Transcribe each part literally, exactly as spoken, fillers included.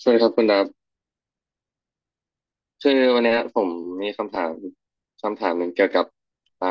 สวัสดีครับคุณดับคือวันเนี้ยผมมีคำถามคำถามหนึ่งเกี่ยวกับอ่า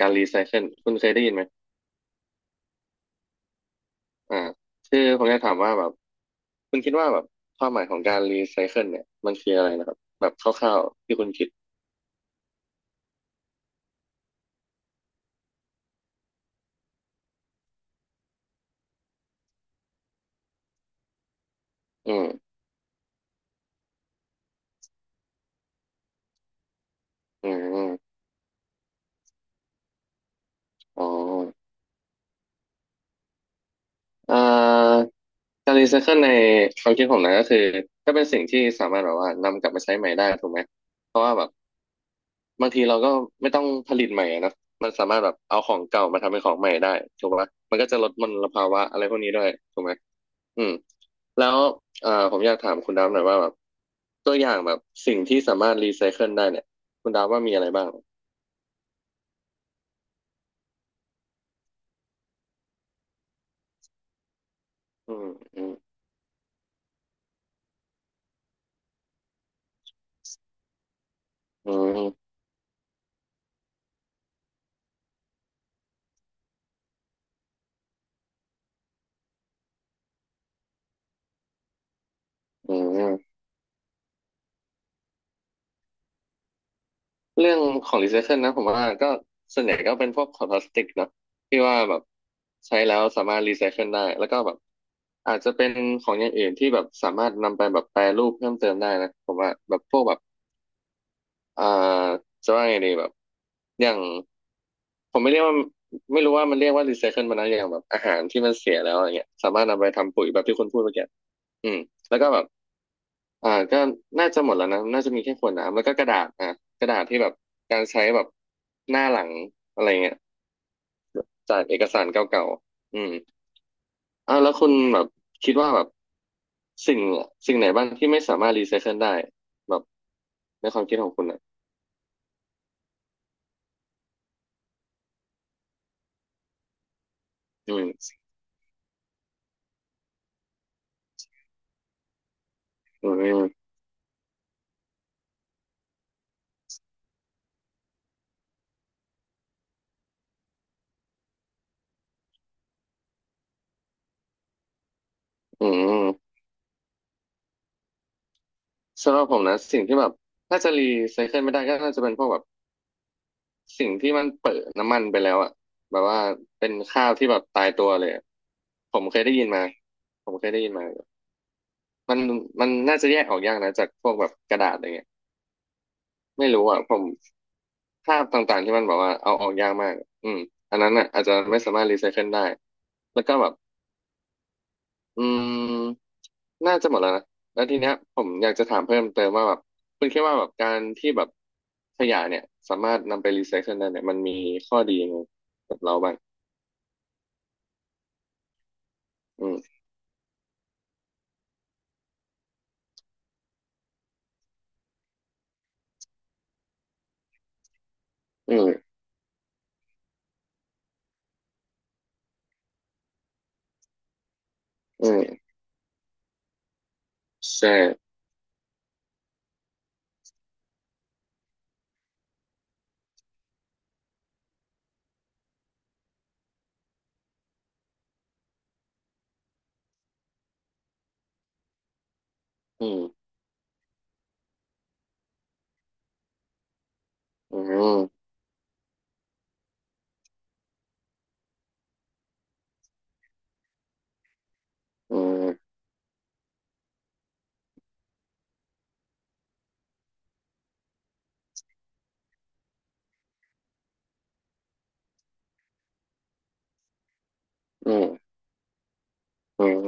การรีไซเคิลคุณเคยได้ยินไหมอ่าคือผมจะถามว่าแบบคุณคิดว่าแบบความหมายของการรีไซเคิลเนี่ยมันคืออะไรนะครับแบบคร่าวๆที่คุณคิดอืมอืมอมอ๋ออ่าการรีไซเคิลในความคิดผมนะก็คือถ้าเป็นสิ่งที่สามารถแบบว่านำกลับมาใช้ใหม่ได้ถูกไหมเพราะว่าแบบ บางทีเราก็ไม่ต้องผลิตใหม่อะนะ มันสามารถแบบเอาของเก่ามาทำเป็นของใหม่ได้ถูกปะมันก็จะลดมลภาวะอะไรพวกนี้ด้วยถูกไหมอืมแล้วเอ่อผมอยากถามคุณดาวหน่อยว่าแบบตัวอย่างแบบสิ่งที่สามารถรีไซเคิลได้เนี่ยคุณดาวว่ามีอะไรบ้างอืมอืมอืมอืม เรื่องของรีไซเคิลนะผมว่าก็ส่วนใหญ่ก็เป็นพวกขวดพลาสติกเนาะที่ว่าแบบใช้แล้วสามารถรีไซเคิลได้แล้วก็แบบอาจจะเป็นของอย่างอื่นที่แบบสามารถนำไปแบบแปรรูปเพิ่มเติมได้นะผมว่าแบบพวกแบบอ่าจะว่าไงดีแบบอย่างผมไม่เรียกว่าไม่รู้ว่ามันเรียกว่ารีไซเคิลมันนะอย่างแบบอาหารที่มันเสียแล้วอะไรเงี้ยสามารถนำไปทำปุ๋ยแบบที่คุณพูดเมื่อกี้อืมแล้วก็แบบ อ่าก็น่าจะหมดแล้วนะน่าจะมีแค่ขวดน้ำแล้วก็กระดาษอ่ะกระดาษที่แบบการใช้แบบหน้าหลังอะไรเงี้ยจากเอกสารเก่าๆอืมอ่าแล้วคุณแบบคิดว่าแบบสิ่งสิ่งไหนบ้างที่ไม่สามารถรีไซเคิลได้แบบในความคิดของคุณอ่ะอืมอืมอืมสำหรับผมนะสิ่งที่แบบถ้าจะรีไซเคิลไม่ได้ก็น่าจะเป็นพวกแบบสิ่งที่มันเปิดน้ำมันไปแล้วอ่ะแบบว่าเป็นข้าวที่แบบตายตัวเลยอะผมเคยได้ยินมาผมเคยได้ยินมา มันมันน่าจะแยกออกยากนะจากพวกแบบกระดาษอะไรเงี้ยไม่รู้อ่ะผมภาพต่างๆที่มันบอกว่าเอาออกยากมากอืมอันนั้นอ่ะอาจจะไม่สามารถรีไซเคิลได้แล้วก็แบบอืมน่าจะหมดแล้วนะแล้วทีเนี้ยผมอยากจะถามเพิ่มเติมว่าแบบคุณคิดว่าแบบการที่แบบขยะเนี่ยสามารถนำไปรีไซเคิลได้เนี่ยมันมีข้อดียังไงกับเราบ้างอืมอืมอืมใช่อืมอืมอืมอืมอืม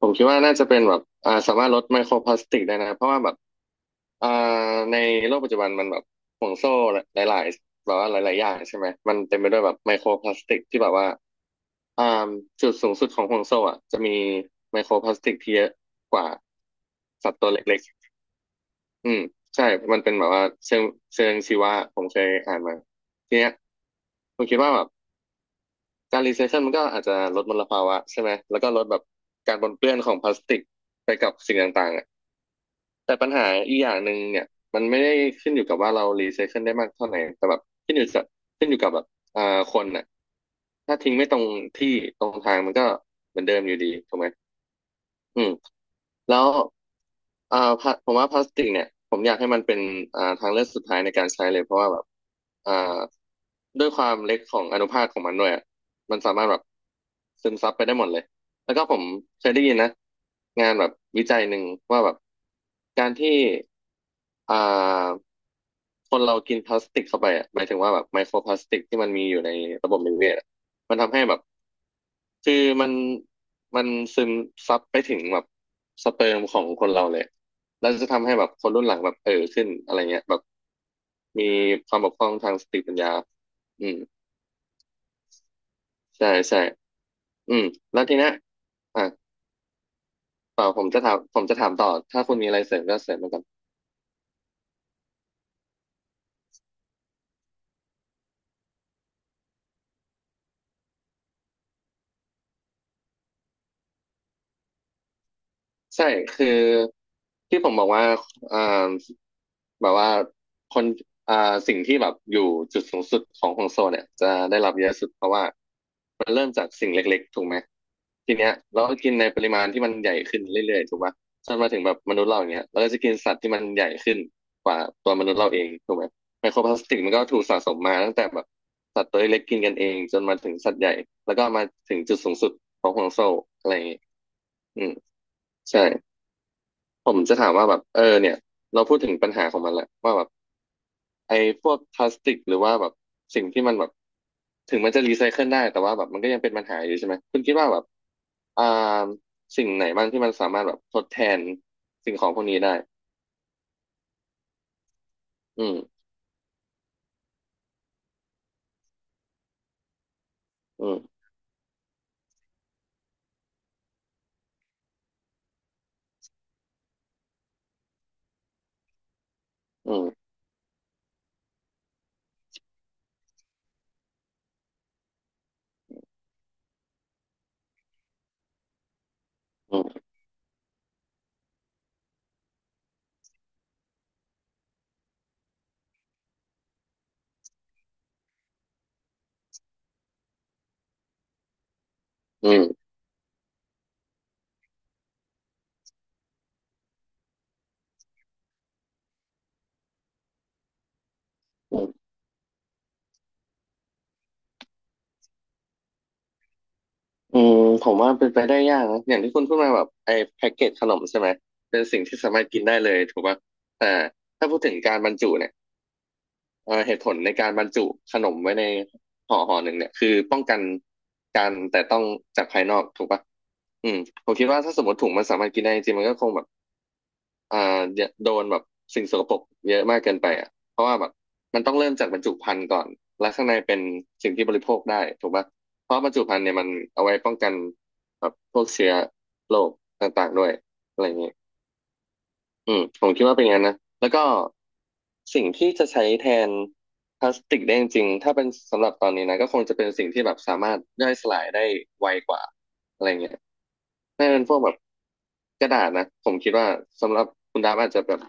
ผมคิดว่าน่าจะเป็นแบบอ่าสามารถลดไมโครพลาสติกได้นะเพราะว่าแบบอ่าในโลกปัจจุบันมันแบบห่วงโซ่หลายๆแบบว่าหลายๆอย่างใช่ไหมมันเต็มไปด้วยแบบไมโครพลาสติกที่แบบว่าอ่าจุดสูงสุดของห่วงโซ่อ่ะจะมีไมโครพลาสติกที่เยอะกว่าสัตว์ตัวเล็กๆอืมใช่มันเป็นแบบว่าเชิงเชิงชีวะผมเคยอ่านมาทีเนี้ยผมคิดว่าแบบการรีไซเคิลมันก็อาจจะลดมลภาวะใช่ไหมแล้วก็ลดแบบการปนเปื้อนของพลาสติกไปกับสิ่งต่างๆอะ แต่ปัญหาอีกอย่างหนึ่งเนี่ยมันไม่ได้ขึ้นอยู่กับว่าเรารีไซเคิลได้มากเท่าไหร่แต่แบบขึ้นอยู่กับขึ้นอยู่กับแบบอ่าคนน่ะถ้าทิ้งไม่ตรงที่ตรงทางมันก็เหมือนเดิมอยู่ดีถูกไหม อืมแล้วอ่าพลาผมว่าพลาสติกเนี่ยผมอยากให้มันเป็นอ่าทางเลือกสุดท้ายในการใช้เลยเพราะว่าแบบอ่าด้วยความเล็กของอนุภาคของมันด้วยอะมันสามารถแบบซึมซับไปได้หมดเลยแล้วก็ผมเคยได้ยินนะงานแบบวิจัยหนึ่งว่าแบบการที่อ่าคนเรากินพลาสติกเข้าไปอะหมายถึงว่าแบบไมโครพลาสติกที่มันมีอยู่ในระบบนิเวศอะมันทำให้แบบ คือมันมันซึมซับไปถึงแบบสเปิร์มของคนเราเลย แล้วจะทำให้แบบคนรุ่นหลังแบบเออขึ้นอะไรเงี้ยแบบมีความบกพร่องทางสติปัญญาอืมใช่ใช่อืมแล้วทีเนี้ยอ่ะต่อผมจะถามผมจะถามต่อถ้าคุณมีอะไรเสริมก็เสริมมาก่อน ใช่ คือที่ผมบอกว่าอ่าแบบว่าคนอ่า สิ่งที่แบบอยู่จุดสูงสุดของห่วงโซ่เนี่ยจะได้รับเยอะสุดเพราะว่ามันเริ่มจากสิ่งเล็กๆถูกไหมทีเนี้ยเราก็กินในปริมาณที่มันใหญ่ขึ้นเรื่อยๆถูกปะจนมาถึงแบบมนุษย์เราอย่างเงี้ยเราก็จะกินสัตว์ที่มันใหญ่ขึ้นกว่าตัวมนุษย์เราเองถูกไหมไมโครพลาสติกมันก็ถูกสะสมมาตั้งแต่แบบสัตว์ตัวเล็กๆกินกันเองจนมาถึงสัตว์ใหญ่แล้วก็มาถึงจุดสูงสุดของห่วงโซ่อะไรอย่างงี้อืมใช่ ผมจะถามว่าแบบเออเนี่ยเราพูดถึงปัญหาของมันแหละว่าแบบไอ้พวกพลาสติกหรือว่าแบบสิ่งที่มันแบบถึงมันจะรีไซเคิลได้แต่ว่าแบบมันก็ยังเป็นปัญหาอยู่ใช่ไหมคุณคิดว่าแบบอ่าสิ่งไหนบ้างที่มันสามารถแบบทดแทนสิ่งของพวกนี้ได้อืมอืมอืมอืมอืมอืมอืมผมว่าเป็นไปได้ยากนะอย่างที่คุณพูดมาแบบไอ้แพ็กเกจขนมใช่ไหมเป็นสิ่งที่สามารถกินได้เลยถูกป่ะแต่ถ้าพูดถึงการบรรจุเนี่ย เอ่อเหตุผลในการบรรจุขนมไว้ในห่อห่อหนึ่งเนี่ยคือป้องกันการแต่ต้องจากภายนอกถูกปะอืมผมคิดว่าถ้าสมมติถุงมันสามารถกินได้จริงๆมันก็คงแบบอ่าโดนแบบสิ่งสกปรกเยอะมากเกินไปอ่ะเพราะว่าแบบมันต้องเริ่มจากบรรจุภัณฑ์ก่อนแล้วข้างในเป็นสิ่งที่บริโภคได้ถูกปะเพราะบรรจุภัณฑ์เนี่ยมันเอาไว้ป้องกันแบบพวกเชื้อโรคต่างๆด้วยอะไรอย่างเงี้ย อืมผมคิดว่าเป็นอย่างนั้นนะแล้วก็สิ่งที่จะใช้แทนพลาสติกได้จริงๆถ้าเป็นสำหรับตอนนี้นะก็คงจะเป็นสิ่งที่แบบสามารถย่อยสลายได้ไวกว่าอะไรเงี้ยน่าจะเป็นพวกแบบกระดาษนะผมคิดว่าสำหรับคุณดาบอาจจะแบบ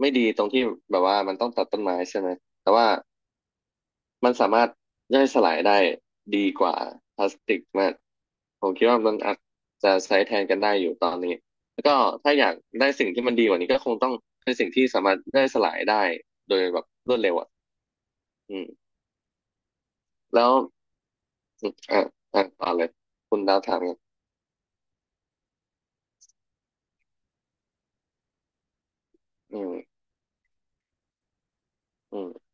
ไม่ดีตรงที่แบบว่ามันต้องตัดต้นไม้ใช่ไหมแต่ว่า มันสามารถย่อยสลายได้ดีกว่าพลาสติกมากผมคิดว่ามันอาจจะใช้แทนกันได้อยู่ตอนนี้แล้วก็ถ้าอยากได้สิ่งที่มันดีกว่านี้ก็คงต้องเป็นสิ่งที่สามารถย่อยสลายได้โดยแบบรวดเร็วอ่ะอืมแล้วอมอ่ะอ่ะต่อเลยคุณดาวถามกันอืมอืม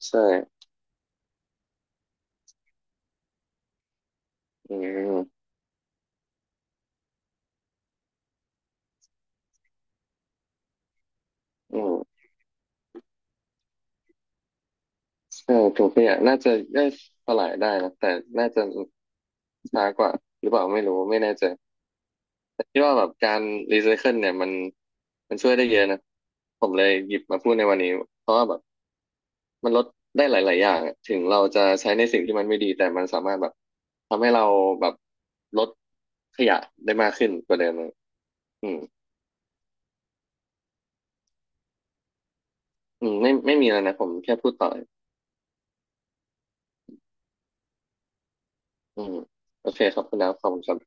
ใช่อืมอืมใช่ถุงขยะน่าจะได้สลายได้นะแต่น่าจะช้ากว่าหรือเปล่าไม่รู้ไม่แน่ใจแต่คิดว่าแบบการรีไซเคิลเนี่ยมันมันช่วยได้เยอะนะ ผมเลยหยิบมาพูดในวันนี้เพราะว่าแบบมันลดได้หลาย ๆ อย่างอะถึงเราจะใช้ในสิ่งที่มันไม่ดีแต่มันสามารถแบบทำให้เราแบบลดขยะได้มากขึ้นกว่าเดิมอะอืมอืมไม่ไม่มีแล้วนะผมแค่พูดต่ออืมโอเคครับคุณดาวขอบคุณครับ